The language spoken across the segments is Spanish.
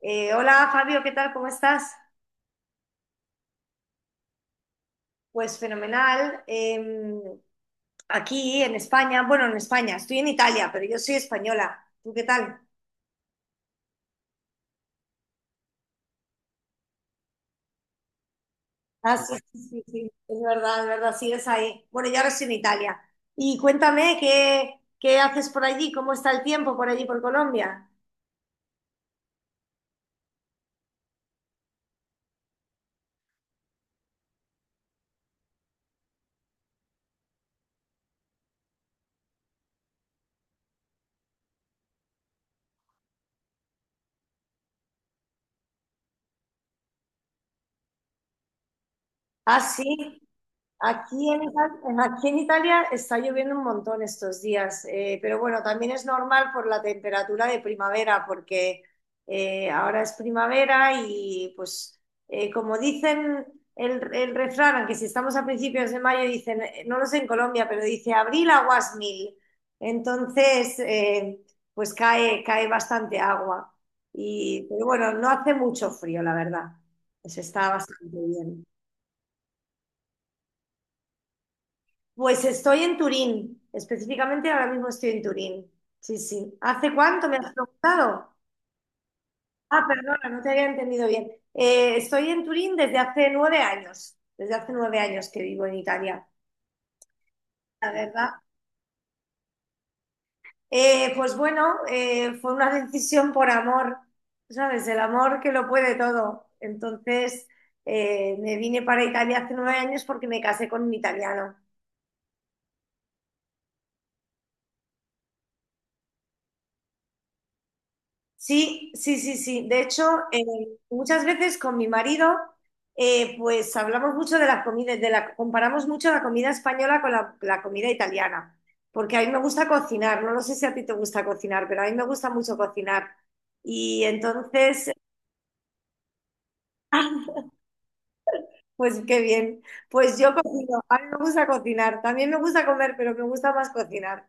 Hola Fabio, ¿qué tal? ¿Cómo estás? Pues fenomenal. Aquí en España, bueno, en España, estoy en Italia, pero yo soy española. ¿Tú qué tal? Ah, sí, sí, sí, sí, es verdad, sigues ahí. Bueno, yo ahora estoy en Italia. Y cuéntame, ¿qué haces por allí? ¿Cómo está el tiempo por allí, por Colombia? Ah, sí. Aquí en, Ita- aquí en Italia está lloviendo un montón estos días, pero bueno, también es normal por la temperatura de primavera, porque ahora es primavera y pues como dicen el refrán, aunque si estamos a principios de mayo, dicen, no lo sé en Colombia, pero dice abril aguas mil. Entonces, pues cae bastante agua. Pero bueno, no hace mucho frío, la verdad. Pues está bastante bien. Pues estoy en Turín, específicamente ahora mismo estoy en Turín. Sí, sí. ¿Hace cuánto me has preguntado? Ah, perdona, no te había entendido bien. Estoy en Turín desde hace 9 años, desde hace nueve años que vivo en Italia, la verdad. Pues bueno, fue una decisión por amor, ¿sabes? El amor que lo puede todo. Entonces, me vine para Italia hace 9 años porque me casé con un italiano. Sí, sí, sí, sí. De hecho, eh, muchas veces con mi marido, pues hablamos mucho de las comidas, de la, comparamos mucho la comida española con la comida italiana, porque a mí me gusta cocinar, no lo sé si a ti te gusta cocinar, pero a mí me gusta mucho cocinar. Y entonces, pues qué bien. Pues yo cocino. A mí me gusta cocinar. También me gusta comer, pero me gusta más cocinar.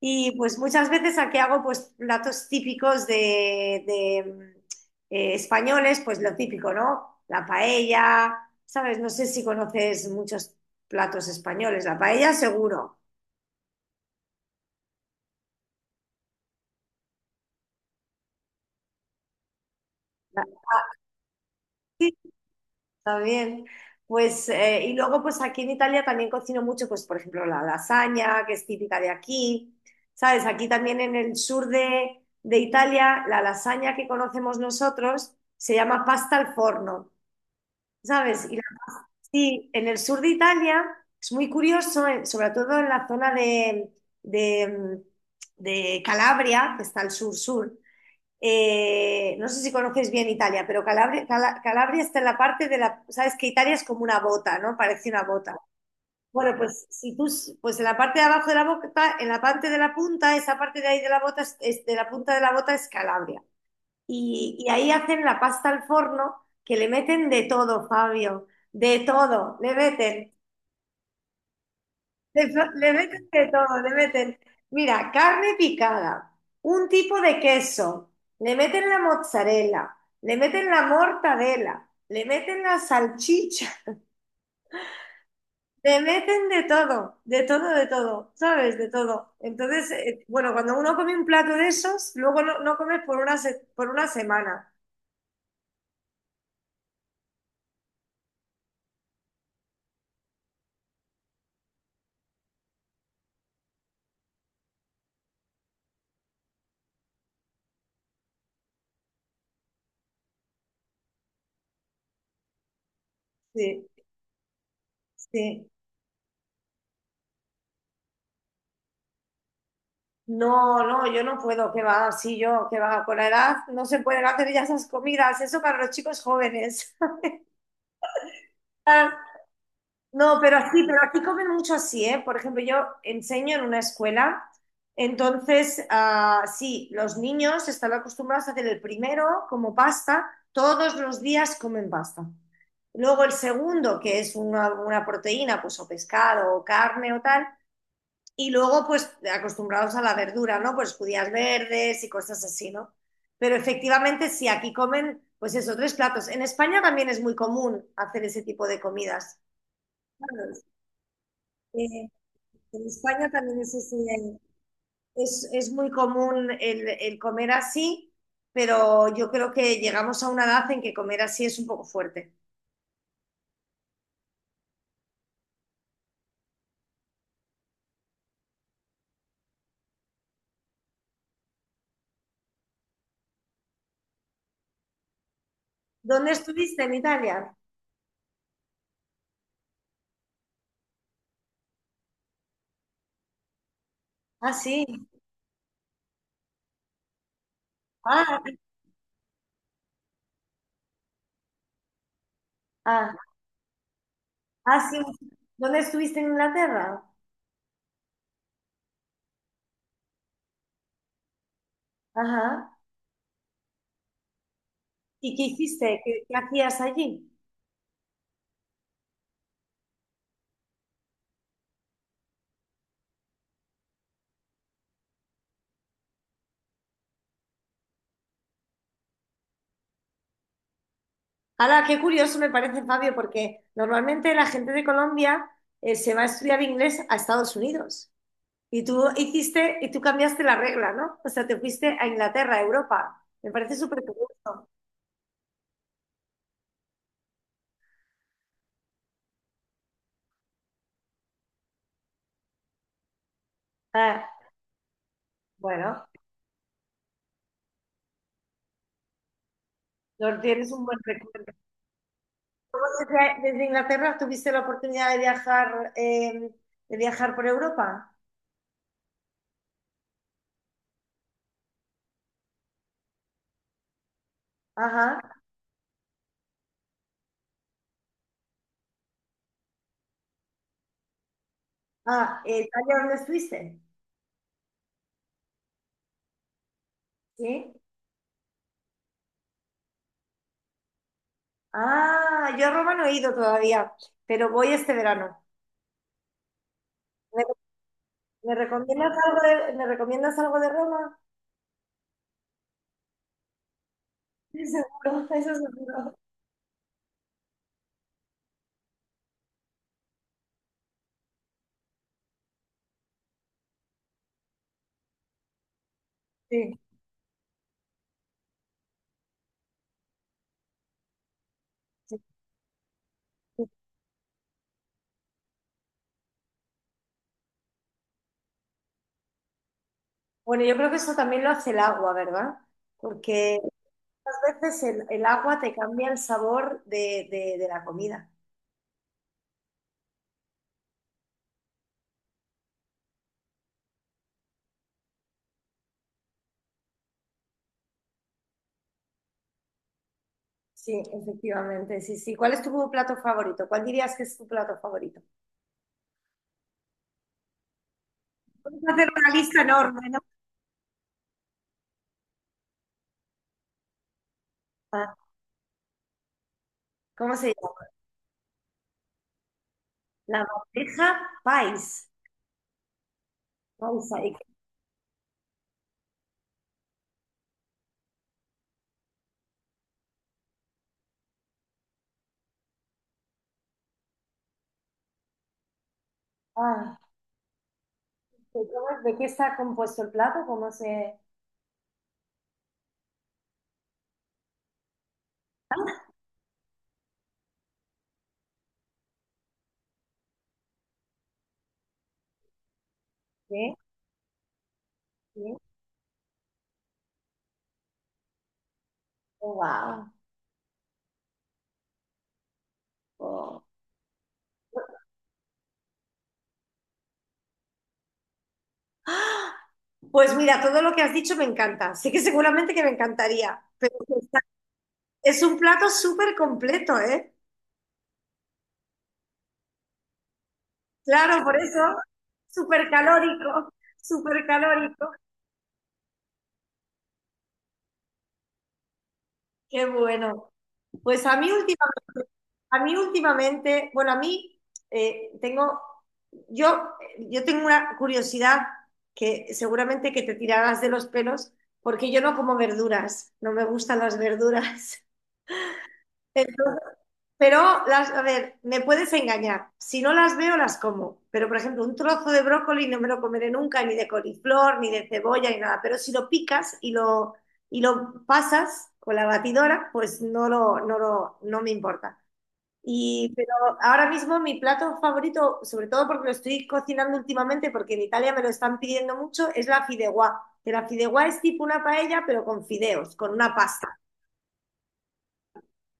Y pues muchas veces aquí hago pues platos típicos de españoles, pues lo típico, ¿no? La paella, ¿sabes? No sé si conoces muchos platos españoles. La paella seguro. La- Sí, está bien. Pues, y luego, pues aquí en Italia también cocino mucho, pues, por ejemplo, la lasaña, que es típica de aquí. ¿Sabes? Aquí también en el sur de Italia, la lasaña que conocemos nosotros se llama pasta al forno, ¿sabes? Sí, en el sur de Italia es muy curioso, sobre todo en la zona de, de Calabria, que está al sur-sur, no sé si conoces bien Italia, pero Calabria está en la parte de la, sabes que Italia es como una bota, ¿no? Parece una bota. Bueno, pues si tú, s- pues en la parte de abajo de la bota, en la parte de la punta, esa parte de ahí de la bota, de la punta de la bota es Calabria. Y ahí hacen la pasta al forno que le meten de todo, Fabio, de todo, le meten de todo, le meten, mira, carne picada, un tipo de queso, le meten la mozzarella, le meten la mortadela, le meten la salchicha, le meten de todo, de todo, de todo, ¿sabes? De todo. Entonces, bueno, cuando uno come un plato de esos, luego no comes por por una semana. Sí, sí. No, no, yo no puedo, que va, sí, yo, que va, con la edad no se pueden hacer ya esas comidas, eso para los chicos jóvenes. No, pero aquí comen mucho así, ¿eh? Por ejemplo, yo enseño en una escuela, entonces, ah, sí, los niños están acostumbrados a hacer el primero como pasta, todos los días comen pasta. Luego el segundo, que es una proteína, pues o pescado o carne o tal, y luego pues acostumbrados a la verdura, ¿no? Pues judías verdes y cosas así, ¿no? Pero efectivamente sí, aquí comen, pues eso, tres platos. En España también es muy común hacer ese tipo de comidas. ¿Sabes? Eh, En España también es muy común el comer así, pero yo creo que llegamos a una edad en que comer así es un poco fuerte. ¿Dónde estuviste en Italia? Ah, sí. Ah, ah, ah, sí. ¿Dónde estuviste en Inglaterra? Ajá. ¿Y qué hiciste? ¿Qué hacías allí? Hala, qué curioso me parece, Fabio, porque normalmente la gente de Colombia se va a estudiar inglés a Estados Unidos. Y tú hiciste, y tú cambiaste la regla, ¿no? O sea, te fuiste a Inglaterra, a Europa. Me parece súper curioso. Ah, bueno, no tienes un buen recuerdo. Desde Inglaterra tuviste la oportunidad de viajar por Europa. Ajá. Ah, ¿allá dónde estuviste? Sí. Ah, yo a Roma no he ido todavía, pero voy este verano. ¿Me, me recomiendas algo de, me recomiendas algo de Roma? Sí, seguro, eso seguro. Sí, sí. Bueno, yo creo que eso también lo hace el agua, ¿verdad? Porque muchas veces el agua te cambia el sabor de la comida. Sí, efectivamente, sí, sí. ¿Cuál es tu plato favorito? ¿Cuál dirías que es tu plato favorito? Puedes hacer una lista enorme, ¿no? Ah, ¿cómo se llama? La bandeja país. Paisa. Ah, ¿de cómo de qué está compuesto el plato? ¿Cómo se...? ¿Qué? ¿Qué? Oh, wow. Oh. ¡Ah! Pues mira, todo lo que has dicho me encanta. Sé que seguramente que me encantaría, pero es un plato súper completo, ¿eh? Claro, por eso, súper calórico, súper calórico. Qué bueno. Pues a mí, última- a mí últimamente, bueno, a mí tengo, yo, yo tengo una curiosidad que seguramente que te tirarás de los pelos, porque yo no como verduras, no me gustan las verduras. Pero, las, a ver, me puedes engañar. Si no las veo, las como. Pero, por ejemplo, un trozo de brócoli no me lo comeré nunca, ni de coliflor, ni de cebolla, ni nada. Pero si lo picas y y lo pasas con la batidora, pues no me importa. Pero ahora mismo mi plato favorito, sobre todo porque lo estoy cocinando últimamente, porque en Italia me lo están pidiendo mucho, es la fideuá. Que la fideuá es tipo una paella, pero con fideos, con una pasta.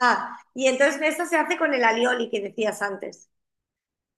Ah, y entonces esto se hace con el alioli que decías antes.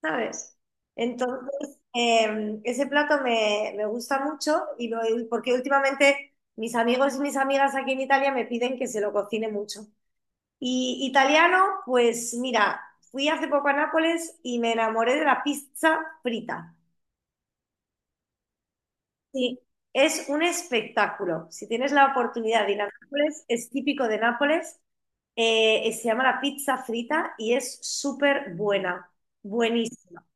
¿Sabes? Entonces, ese plato me gusta mucho porque últimamente mis amigos y mis amigas aquí en Italia me piden que se lo cocine mucho. Y italiano, pues mira, fui hace poco a Nápoles y me enamoré de la pizza frita. Sí, es un espectáculo. Si tienes la oportunidad de ir a Nápoles, es típico de Nápoles. Se llama la pizza frita y es súper buena, buenísima.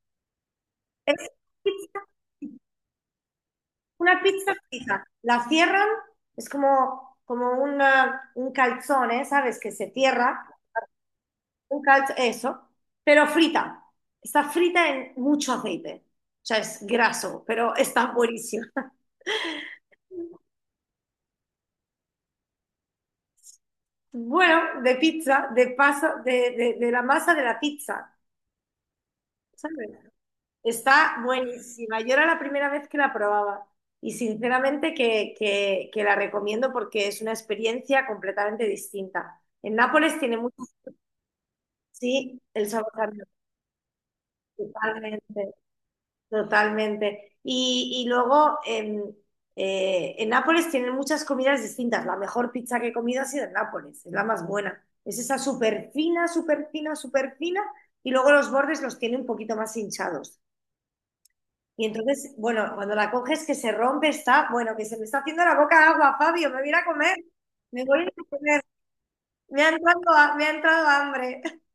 Es pizza Una pizza fija, la cierran, es como, un calzone, ¿sabes? Que se cierra, eso, pero frita. Está frita en mucho aceite, o sea, es graso, pero está buenísima. Bueno, de pizza, de pasa, de la masa de la pizza, ¿sabes? Está buenísima. Yo era la primera vez que la probaba y sinceramente que la recomiendo porque es una experiencia completamente distinta. En Nápoles tiene mucho. Sí, el sabor cambia totalmente, totalmente. Y luego en Nápoles tienen muchas comidas distintas. La mejor pizza que he comido ha sido en Nápoles, es la más buena. Es esa súper fina, súper fina, súper fina, y luego los bordes los tiene un poquito más hinchados. Y entonces, bueno, cuando la coges que se rompe, está, bueno, que se me está haciendo la boca agua, Fabio, me voy a ir a comer, me voy a ir a comer, me ha entrado hambre.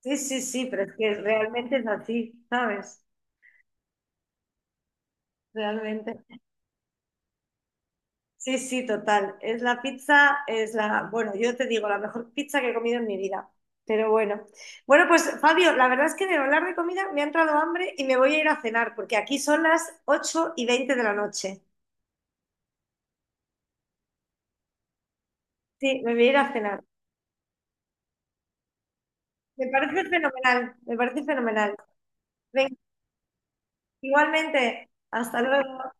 Sí, sí, sí, pero es que realmente es así, ¿sabes? Realmente. Sí, sí, total. Es la pizza, es la, bueno, yo te digo, la mejor pizza que he comido en mi vida. Pero bueno. Bueno, pues Fabio, la verdad es que de hablar de comida me ha entrado hambre y me voy a ir a cenar, porque aquí son las 8:20 de la noche. Sí, me voy a ir a cenar. Me parece fenomenal, me parece fenomenal. Venga, igualmente, hasta luego.